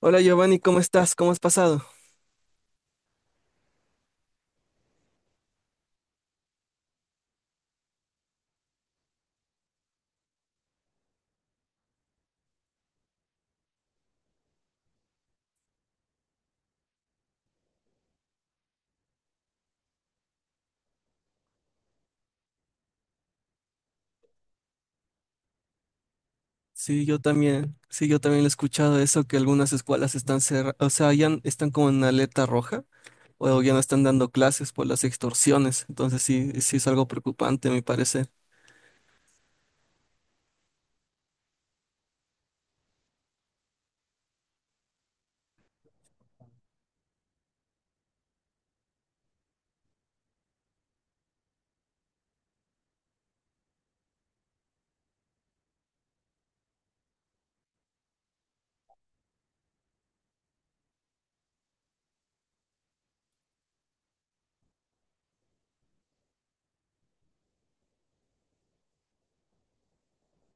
Hola Giovanni, ¿cómo estás? ¿Cómo has pasado? Sí, yo también, lo he escuchado eso, que algunas escuelas están cerradas, o sea, ya están como en alerta roja, o ya no están dando clases por las extorsiones, entonces sí, sí es algo preocupante, a mi parecer.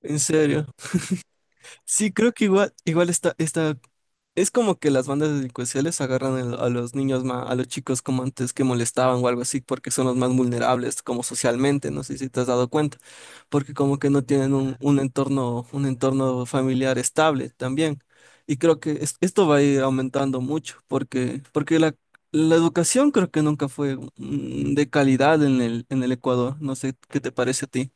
En serio. Sí, creo que igual está. Es como que las bandas delincuenciales agarran a los niños más, a los chicos como antes que molestaban o algo así, porque son los más vulnerables como socialmente, no sé si te has dado cuenta, porque como que no tienen un entorno familiar estable también. Y creo que esto va a ir aumentando mucho, porque, la educación creo que nunca fue de calidad en el Ecuador. No sé qué te parece a ti.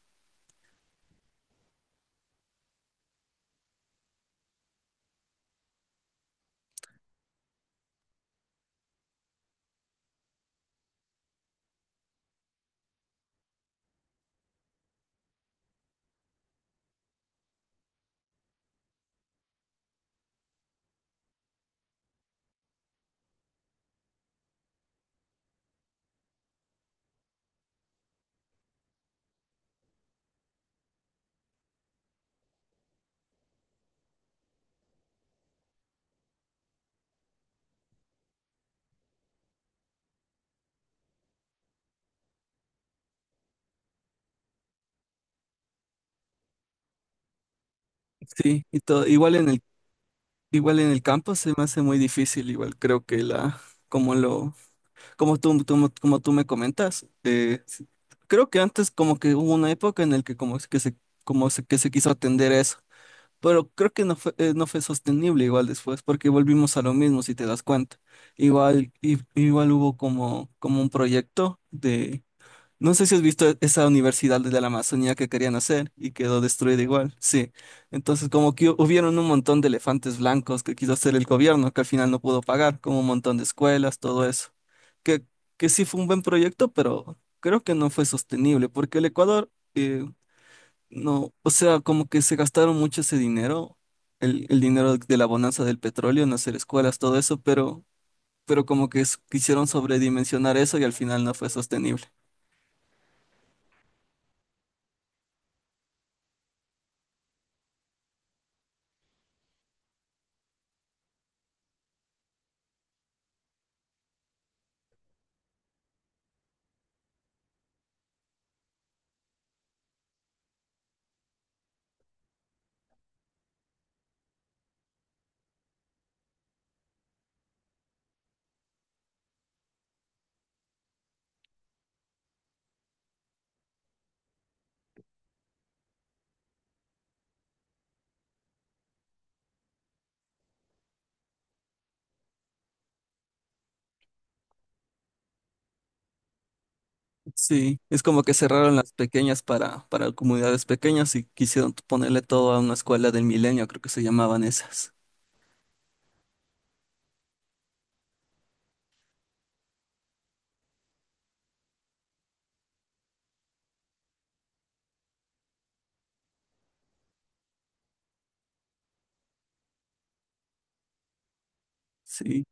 Sí, y todo, igual en el campo se me hace muy difícil, igual creo que la, como lo Como tú- como tú me comentas, creo que antes como que hubo una época en la que como es que se, como se- que se quiso atender a eso, pero creo que no fue sostenible igual después, porque volvimos a lo mismo, si te das cuenta. Igual, igual hubo como un proyecto de, no sé si has visto esa universidad de la Amazonía que querían hacer y quedó destruida igual. Sí. Entonces, como que hubieron un montón de elefantes blancos que quiso hacer el gobierno, que al final no pudo pagar, como un montón de escuelas, todo eso. Que, que sí fue un buen proyecto, pero creo que no fue sostenible, porque el Ecuador, no, o sea, como que se gastaron mucho ese dinero, el dinero de la bonanza del petróleo en hacer escuelas, todo eso, pero como que quisieron sobredimensionar eso y al final no fue sostenible. Sí, es como que cerraron las pequeñas para comunidades pequeñas y quisieron ponerle todo a una escuela del milenio, creo que se llamaban esas. Sí,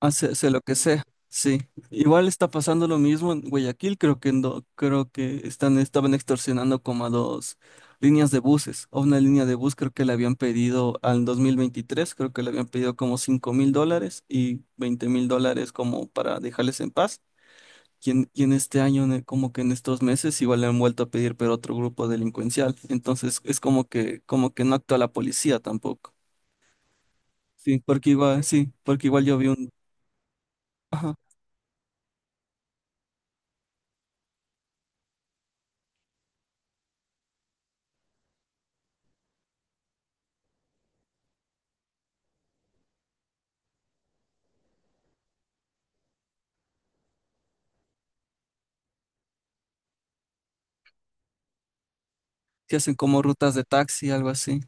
hace lo que sea. Sí, igual está pasando lo mismo en Guayaquil, creo que no, creo que estaban extorsionando como a dos líneas de buses. A una línea de bus creo que le habían pedido al 2023, creo que le habían pedido como $5.000 y $20.000 como para dejarles en paz. Quien este año, como que en estos meses, igual le han vuelto a pedir, pero otro grupo delincuencial. Entonces es como que no actúa la policía tampoco. Sí, porque igual yo vi un. Ajá, que hacen como rutas de taxi, algo así.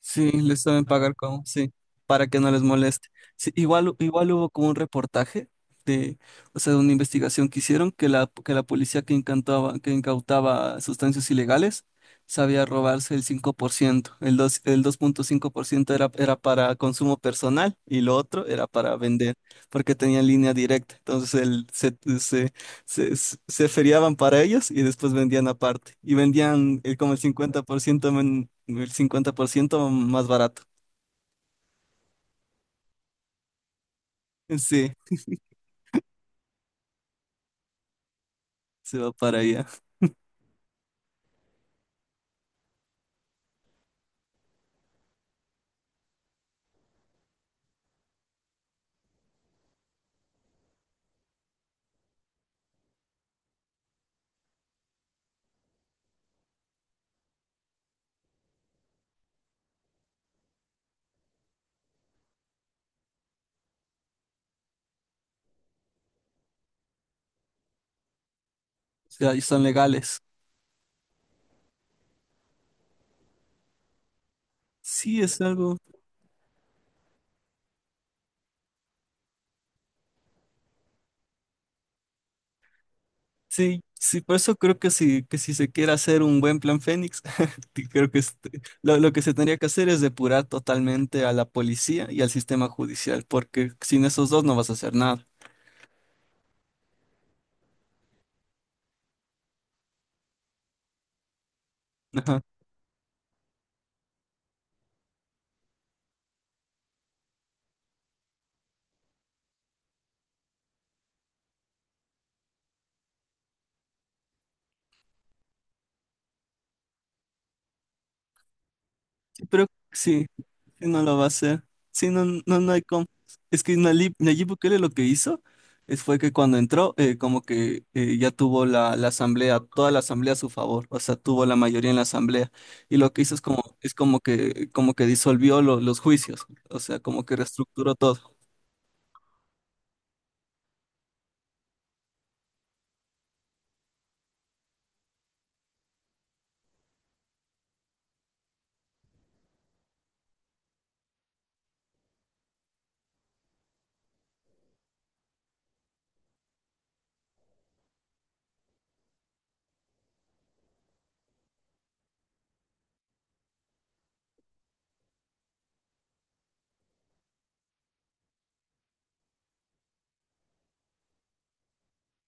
Sí, les saben pagar como, sí, para que no les moleste. Sí, igual hubo como un reportaje de, o sea, de una investigación que hicieron que la policía que incautaba sustancias ilegales sabía robarse el 5%. El 2,5% era para consumo personal y lo otro era para vender, porque tenía línea directa. Entonces se feriaban para ellos y después vendían aparte. Y vendían como el 50%, el 50% más barato. Sí, se va para allá. O sea, y son legales. Sí, es algo. Sí, sí, por eso creo que si, se quiere hacer un buen plan Fénix, que creo que lo que se tendría que hacer es depurar totalmente a la policía y al sistema judicial, porque sin esos dos no vas a hacer nada. Ajá. Sí, pero sí, sí no lo va a hacer. Sí, no, no, no hay cómo. Es que Nayib Bukele lo que hizo es fue que cuando entró, como que ya tuvo la asamblea, toda la asamblea a su favor, o sea, tuvo la mayoría en la asamblea. Y lo que hizo es como que disolvió los juicios, o sea, como que reestructuró todo.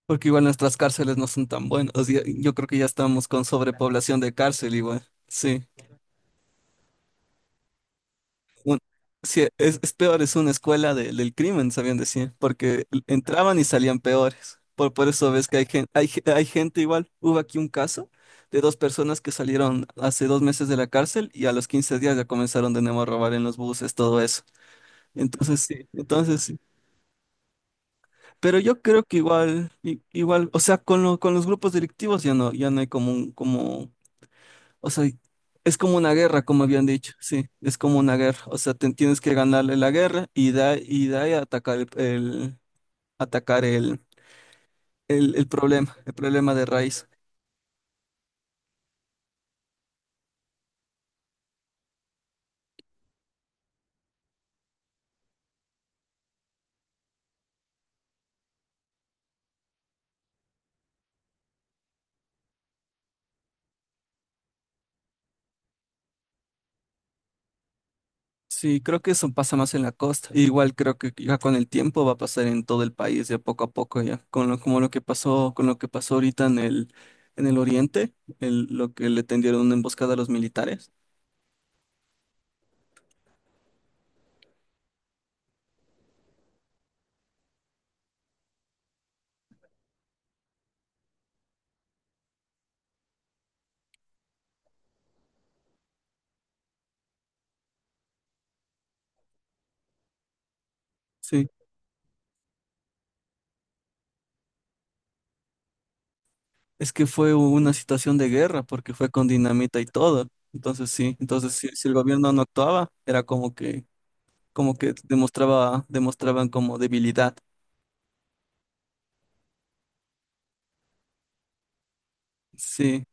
Porque igual nuestras cárceles no son tan buenas. O sea, yo creo que ya estamos con sobrepoblación de cárcel igual. Sí. un- sí, es peor, es una escuela del crimen, sabían decir, porque entraban y salían peores. Por eso ves que hay gente igual. Hubo aquí un caso de dos personas que salieron hace 2 meses de la cárcel y a los 15 días ya comenzaron de nuevo a robar en los buses, todo eso. Entonces sí, entonces sí. Pero yo creo que igual, o sea, con los grupos delictivos ya no, ya no hay como o sea, es como una guerra, como habían dicho, sí, es como una guerra. O sea, tienes que ganarle la guerra y da y da y atacar atacar el, el problema, el problema, de raíz. Sí, creo que eso pasa más en la costa. Igual creo que ya con el tiempo va a pasar en todo el país, ya poco a poco, con lo que pasó ahorita en el oriente, el, lo que le tendieron una emboscada a los militares. Sí. Es que fue una situación de guerra porque fue con dinamita y todo. Entonces sí, entonces si, si el gobierno no actuaba, era como que, demostraban como debilidad. Sí,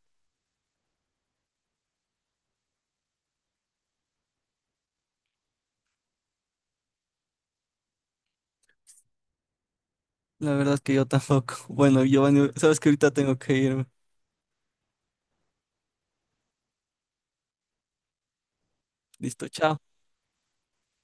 la verdad es que yo tampoco. Bueno, Giovanni, sabes que ahorita tengo que irme. Listo, chao.